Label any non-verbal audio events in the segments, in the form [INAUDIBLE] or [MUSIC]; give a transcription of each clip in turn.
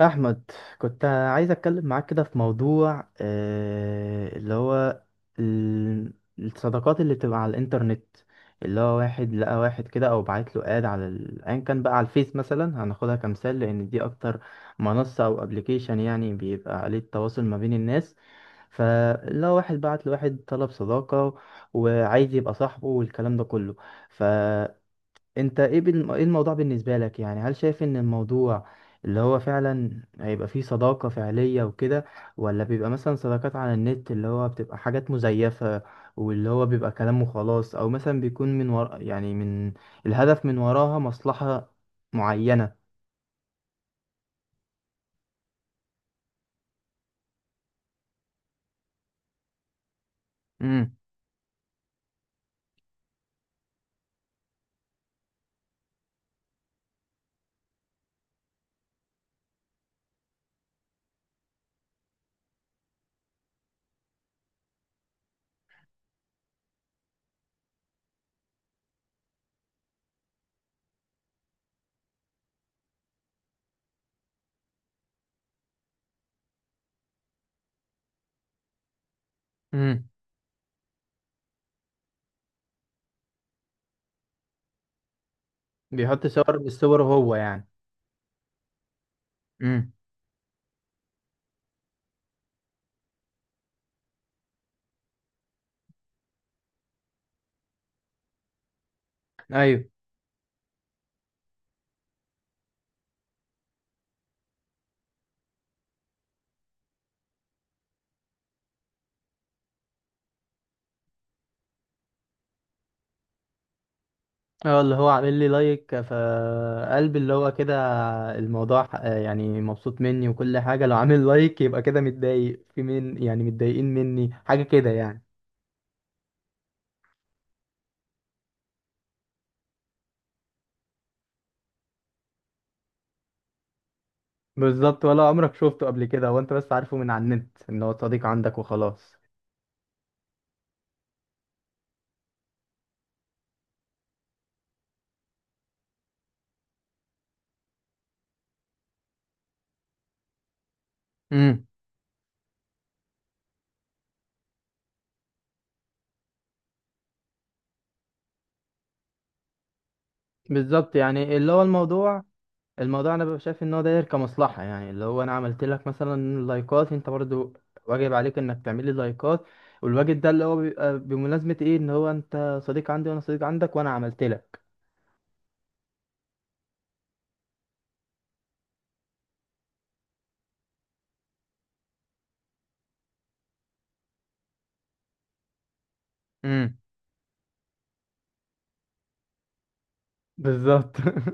احمد، كنت عايز اتكلم معاك كده في موضوع اللي هو ال- الصداقات اللي بتبقى على الانترنت، اللي هو واحد لقى واحد كده او بعت له اد على ايا كان بقى على الفيس مثلا. هناخدها كمثال لان دي اكتر منصة او ابلكيشن يعني بيبقى عليه التواصل ما بين الناس. فاللي هو واحد بعت لواحد طلب صداقة وعايز يبقى صاحبه والكلام ده كله. انت ايه ايه الموضوع بالنسبة لك؟ يعني هل شايف ان الموضوع اللي هو فعلا هيبقى فيه صداقة فعلية وكده، ولا بيبقى مثلا صداقات على النت اللي هو بتبقى حاجات مزيفة، واللي هو بيبقى كلام وخلاص، او مثلا بيكون من ورا، يعني من الهدف من وراها مصلحة معينة؟ امم. امم. بيحط صور، بالصور هو يعني؟ امم. ايوه. اه، اللي هو عامل لي لايك فقلبي اللي هو كده الموضوع يعني مبسوط مني وكل حاجة، لو عامل لايك يبقى كده متضايق في، من يعني متضايقين مني حاجة كده يعني. بالظبط، ولا عمرك شفته قبل كده؟ هو انت بس عارفه من على النت ان هو صديق عندك وخلاص. امم. بالظبط. يعني اللي هو الموضوع، الموضوع انا ببقى شايف ان هو داير كمصلحه، يعني اللي هو انا عملت لك مثلا لايكات، انت برضو واجب عليك انك تعمل لي لايكات. والواجب ده اللي هو بيبقى بمناسبه ايه؟ ان هو انت صديق عندي وانا صديق عندك وانا عملت لك. امم. بالظبط [LAUGHS]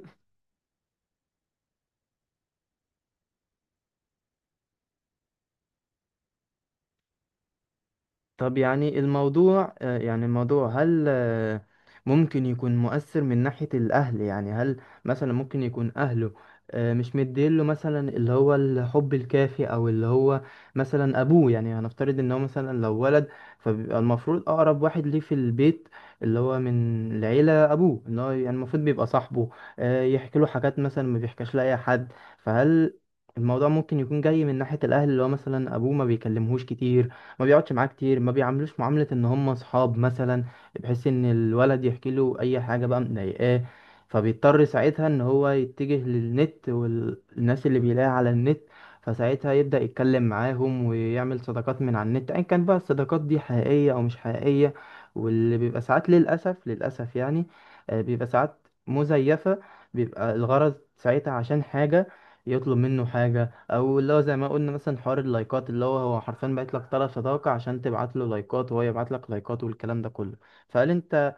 طب يعني الموضوع، يعني الموضوع، هل ممكن يكون مؤثر من ناحية الأهل؟ يعني هل مثلا ممكن يكون أهله مش مديله مثلا اللي هو الحب الكافي، أو اللي هو مثلا أبوه يعني؟ هنفترض إن هو مثلا لو ولد، فبيبقى المفروض أقرب واحد ليه في البيت اللي هو من العيلة أبوه، إن هو يعني المفروض بيبقى صاحبه، يحكي له حاجات مثلا ما بيحكاش لأي حد. فهل الموضوع ممكن يكون جاي من ناحية الأهل؟ اللي هو مثلا أبوه ما بيكلمهوش كتير، ما بيقعدش معاه كتير، ما بيعاملوش معاملة ان هم اصحاب مثلا، بحيث ان الولد يحكي له اي حاجة بقى مضايقاه. فبيضطر ساعتها ان هو يتجه للنت والناس اللي بيلاقيها على النت، فساعتها يبدأ يتكلم معاهم ويعمل صداقات من على النت، ايا كان بقى الصداقات دي حقيقية او مش حقيقية. واللي بيبقى ساعات للأسف للأسف يعني، بيبقى ساعات مزيفة، بيبقى الغرض ساعتها عشان حاجة، يطلب منه حاجة، او اللي هو زي ما قلنا مثلا حوار اللايكات، اللي هو هو حرفيا بقيت لك طرف صداقة عشان تبعت له لايكات وهو يبعت لك لايكات والكلام ده كله. فهل انت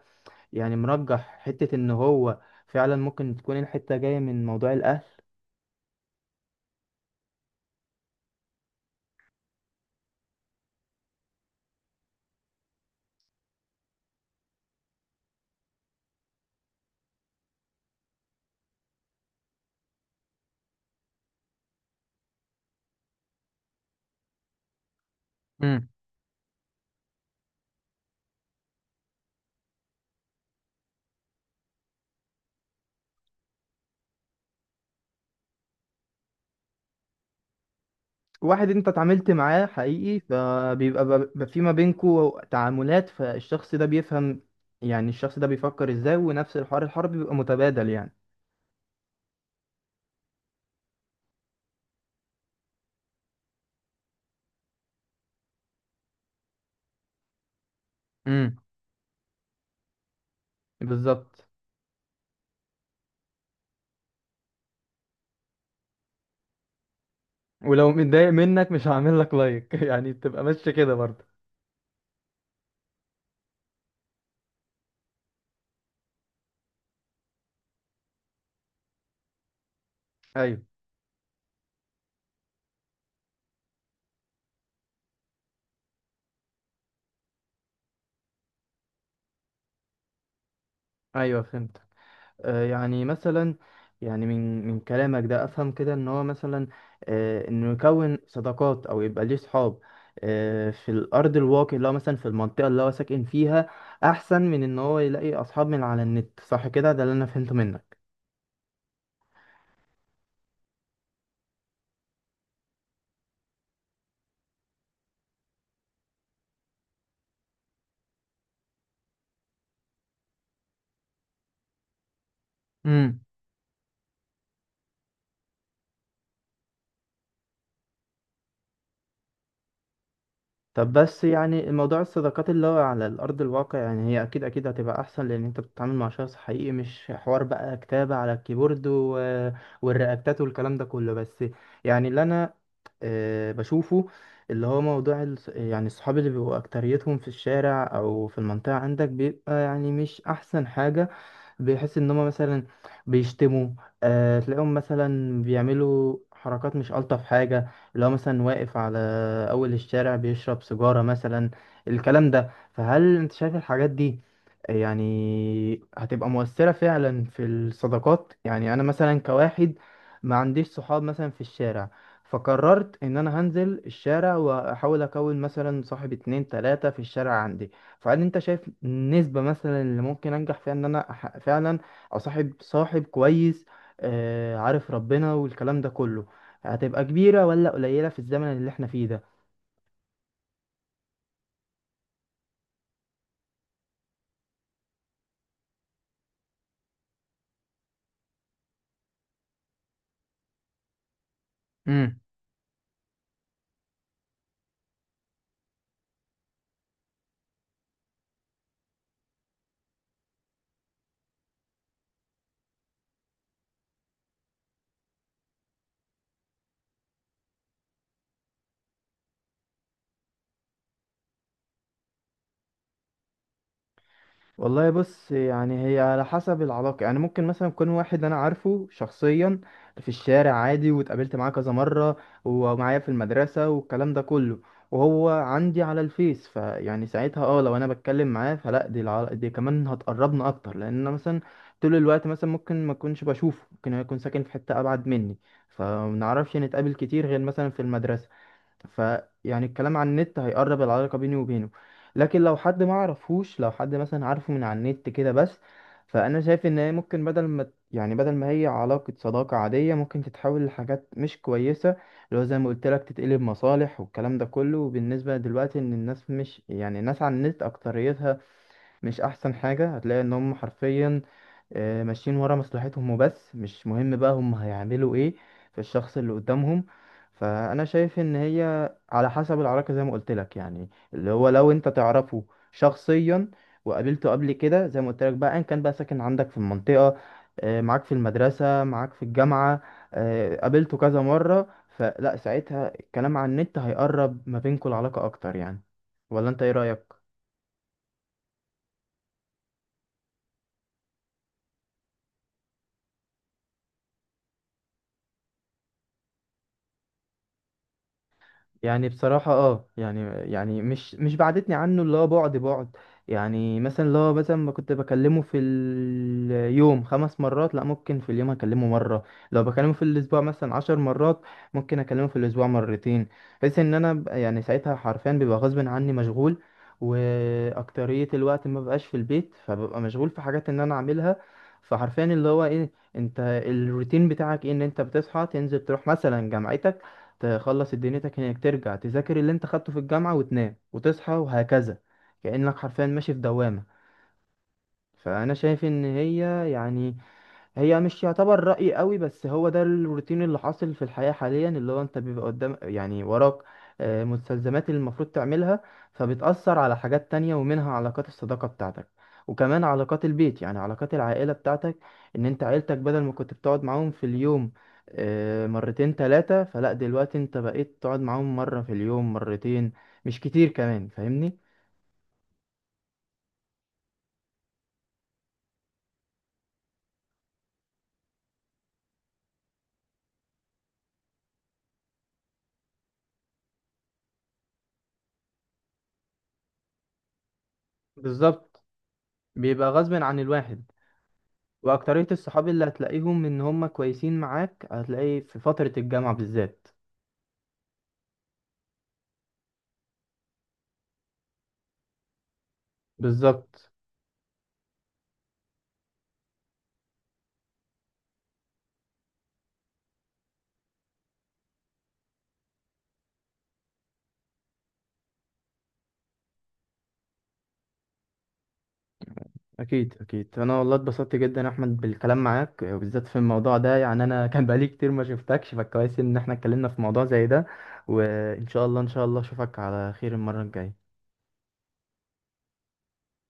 يعني مرجح حتة ان هو فعلا ممكن تكون الحتة جاية من موضوع الاهل؟ امم. واحد انت اتعاملت معاه حقيقي فبيبقى في ما بينكوا تعاملات، فالشخص ده بيفهم، يعني الشخص ده بيفكر ازاي، ونفس الحوار، الحوار بيبقى متبادل يعني. امم. بالظبط، ولو متضايق منك مش هعمل لك لايك [LAUGHS] يعني بتبقى ماشية كده برضه. ايوه. ايوه فهمت. يعني مثلا، يعني من كلامك ده افهم كده ان هو مثلا، انه يكون صداقات او يبقى ليه صحاب في الارض الواقع اللي هو مثلا في المنطقه اللي هو ساكن فيها، احسن من ان هو يلاقي اصحاب من على النت. صح كده؟ ده اللي انا فهمته منك. امم. طب بس يعني الموضوع الصداقات اللي هو على الأرض الواقع، يعني هي أكيد أكيد هتبقى أحسن، لأن أنت بتتعامل مع شخص حقيقي، مش حوار بقى كتابة على الكيبورد والرياكتات والكلام ده كله. بس يعني اللي أنا بشوفه اللي هو موضوع يعني الصحاب اللي بيبقوا أكتريتهم في الشارع أو في المنطقة عندك، بيبقى يعني مش أحسن حاجة. بيحس ان هم مثلا بيشتموا، آه تلاقيهم مثلا بيعملوا حركات مش ألطف حاجة، اللي هو مثلا واقف على أول الشارع بيشرب سيجارة مثلا، الكلام ده. فهل انت شايف الحاجات دي يعني هتبقى مؤثرة فعلا في الصداقات؟ يعني أنا مثلا كواحد ما عنديش صحاب مثلا في الشارع، فقررت إن أنا هنزل الشارع وأحاول أكون مثلا صاحب اتنين تلاتة في الشارع عندي. فهل انت شايف النسبة مثلا اللي ممكن انجح فيها ان انا فعلا اصاحب صاحب كويس، عارف ربنا والكلام ده كله، هتبقى كبيرة ولا قليلة في الزمن اللي احنا فيه؟ ده والله بص، يعني هي على حسب العلاقة. يعني ممكن مثلا يكون واحد أنا عارفه شخصيا في الشارع عادي واتقابلت معاه كذا مرة، ومعايا في المدرسة والكلام ده كله، وهو عندي على الفيس، فيعني ساعتها اه لو أنا بتكلم معاه فلا، دي دي كمان هتقربنا أكتر، لأن أنا مثلا طول الوقت مثلا ممكن ما أكونش بشوفه، ممكن هو يكون ساكن في حتة أبعد مني، فمنعرفش نتقابل كتير غير مثلا في المدرسة، فيعني الكلام عن النت هيقرب العلاقة بيني وبينه. لكن لو حد ما عرفوش، لو حد مثلا عارفه من على النت كده بس، فأنا شايف إن هي ممكن بدل ما هي علاقة صداقة عادية ممكن تتحول لحاجات مش كويسة، اللي هو زي ما قلت لك تتقلب مصالح والكلام ده كله. وبالنسبة دلوقتي إن الناس مش، يعني الناس على النت أكتريتها مش أحسن حاجة، هتلاقي إن هم حرفيا ماشيين ورا مصلحتهم وبس، مش مهم بقى هم هيعملوا ايه في الشخص اللي قدامهم. فانا شايف ان هي على حسب العلاقة زي ما قلت لك، يعني اللي هو لو انت تعرفه شخصيا وقابلته قبل كده، زي ما قلت لك بقى، ان كان بقى ساكن عندك في المنطقة، معاك في المدرسة، معاك في الجامعة، قابلته كذا مرة، فلا ساعتها الكلام عن النت هيقرب ما بينكم العلاقة اكتر يعني. ولا انت ايه رأيك؟ يعني بصراحة اه يعني، يعني مش بعدتني عنه، اللي هو بعد بعد، يعني مثلا اللي هو مثلا ما كنت بكلمه في اليوم 5 مرات، لا ممكن في اليوم اكلمه مرة. لو بكلمه في الاسبوع مثلا 10 مرات ممكن اكلمه في الاسبوع مرتين، بحيث ان انا يعني ساعتها حرفيا بيبقى غصب عني مشغول، واكترية الوقت ما بقاش في البيت، فببقى مشغول في حاجات ان انا اعملها. فحرفيا اللي هو ايه؟ انت الروتين بتاعك ايه؟ ان انت بتصحى تنزل تروح مثلا جامعتك، تخلص دنيتك هناك، ترجع تذاكر اللي انت خدته في الجامعة، وتنام وتصحى وهكذا، كأنك حرفيا ماشي في دوامة. فأنا شايف إن هي، يعني هي مش يعتبر رأي قوي، بس هو ده الروتين اللي حاصل في الحياة حاليا، اللي هو انت بيبقى قدام، يعني وراك مستلزمات اللي المفروض تعملها، فبتأثر على حاجات تانية ومنها علاقات الصداقة بتاعتك، وكمان علاقات البيت، يعني علاقات العائلة بتاعتك، ان انت عيلتك بدل ما كنت بتقعد معاهم في اليوم مرتين تلاتة، فلا دلوقتي انت بقيت تقعد معاهم مرة في اليوم، مرتين، مش كتير كمان. فاهمني؟ بالظبط، بيبقى غصب عن الواحد، واكترية الصحاب اللي هتلاقيهم ان هم كويسين معاك هتلاقي في فترة الجامعة بالذات. بالظبط. اكيد اكيد، انا والله اتبسطت جدا يا احمد بالكلام معاك وبالذات في الموضوع ده، يعني انا [LAUGHS] كان بقالي كتير ما شفتكش، فكويس ان احنا اتكلمنا في موضوع زي ده. وان شاء الله ان شاء الله اشوفك على خير المرة الجاية.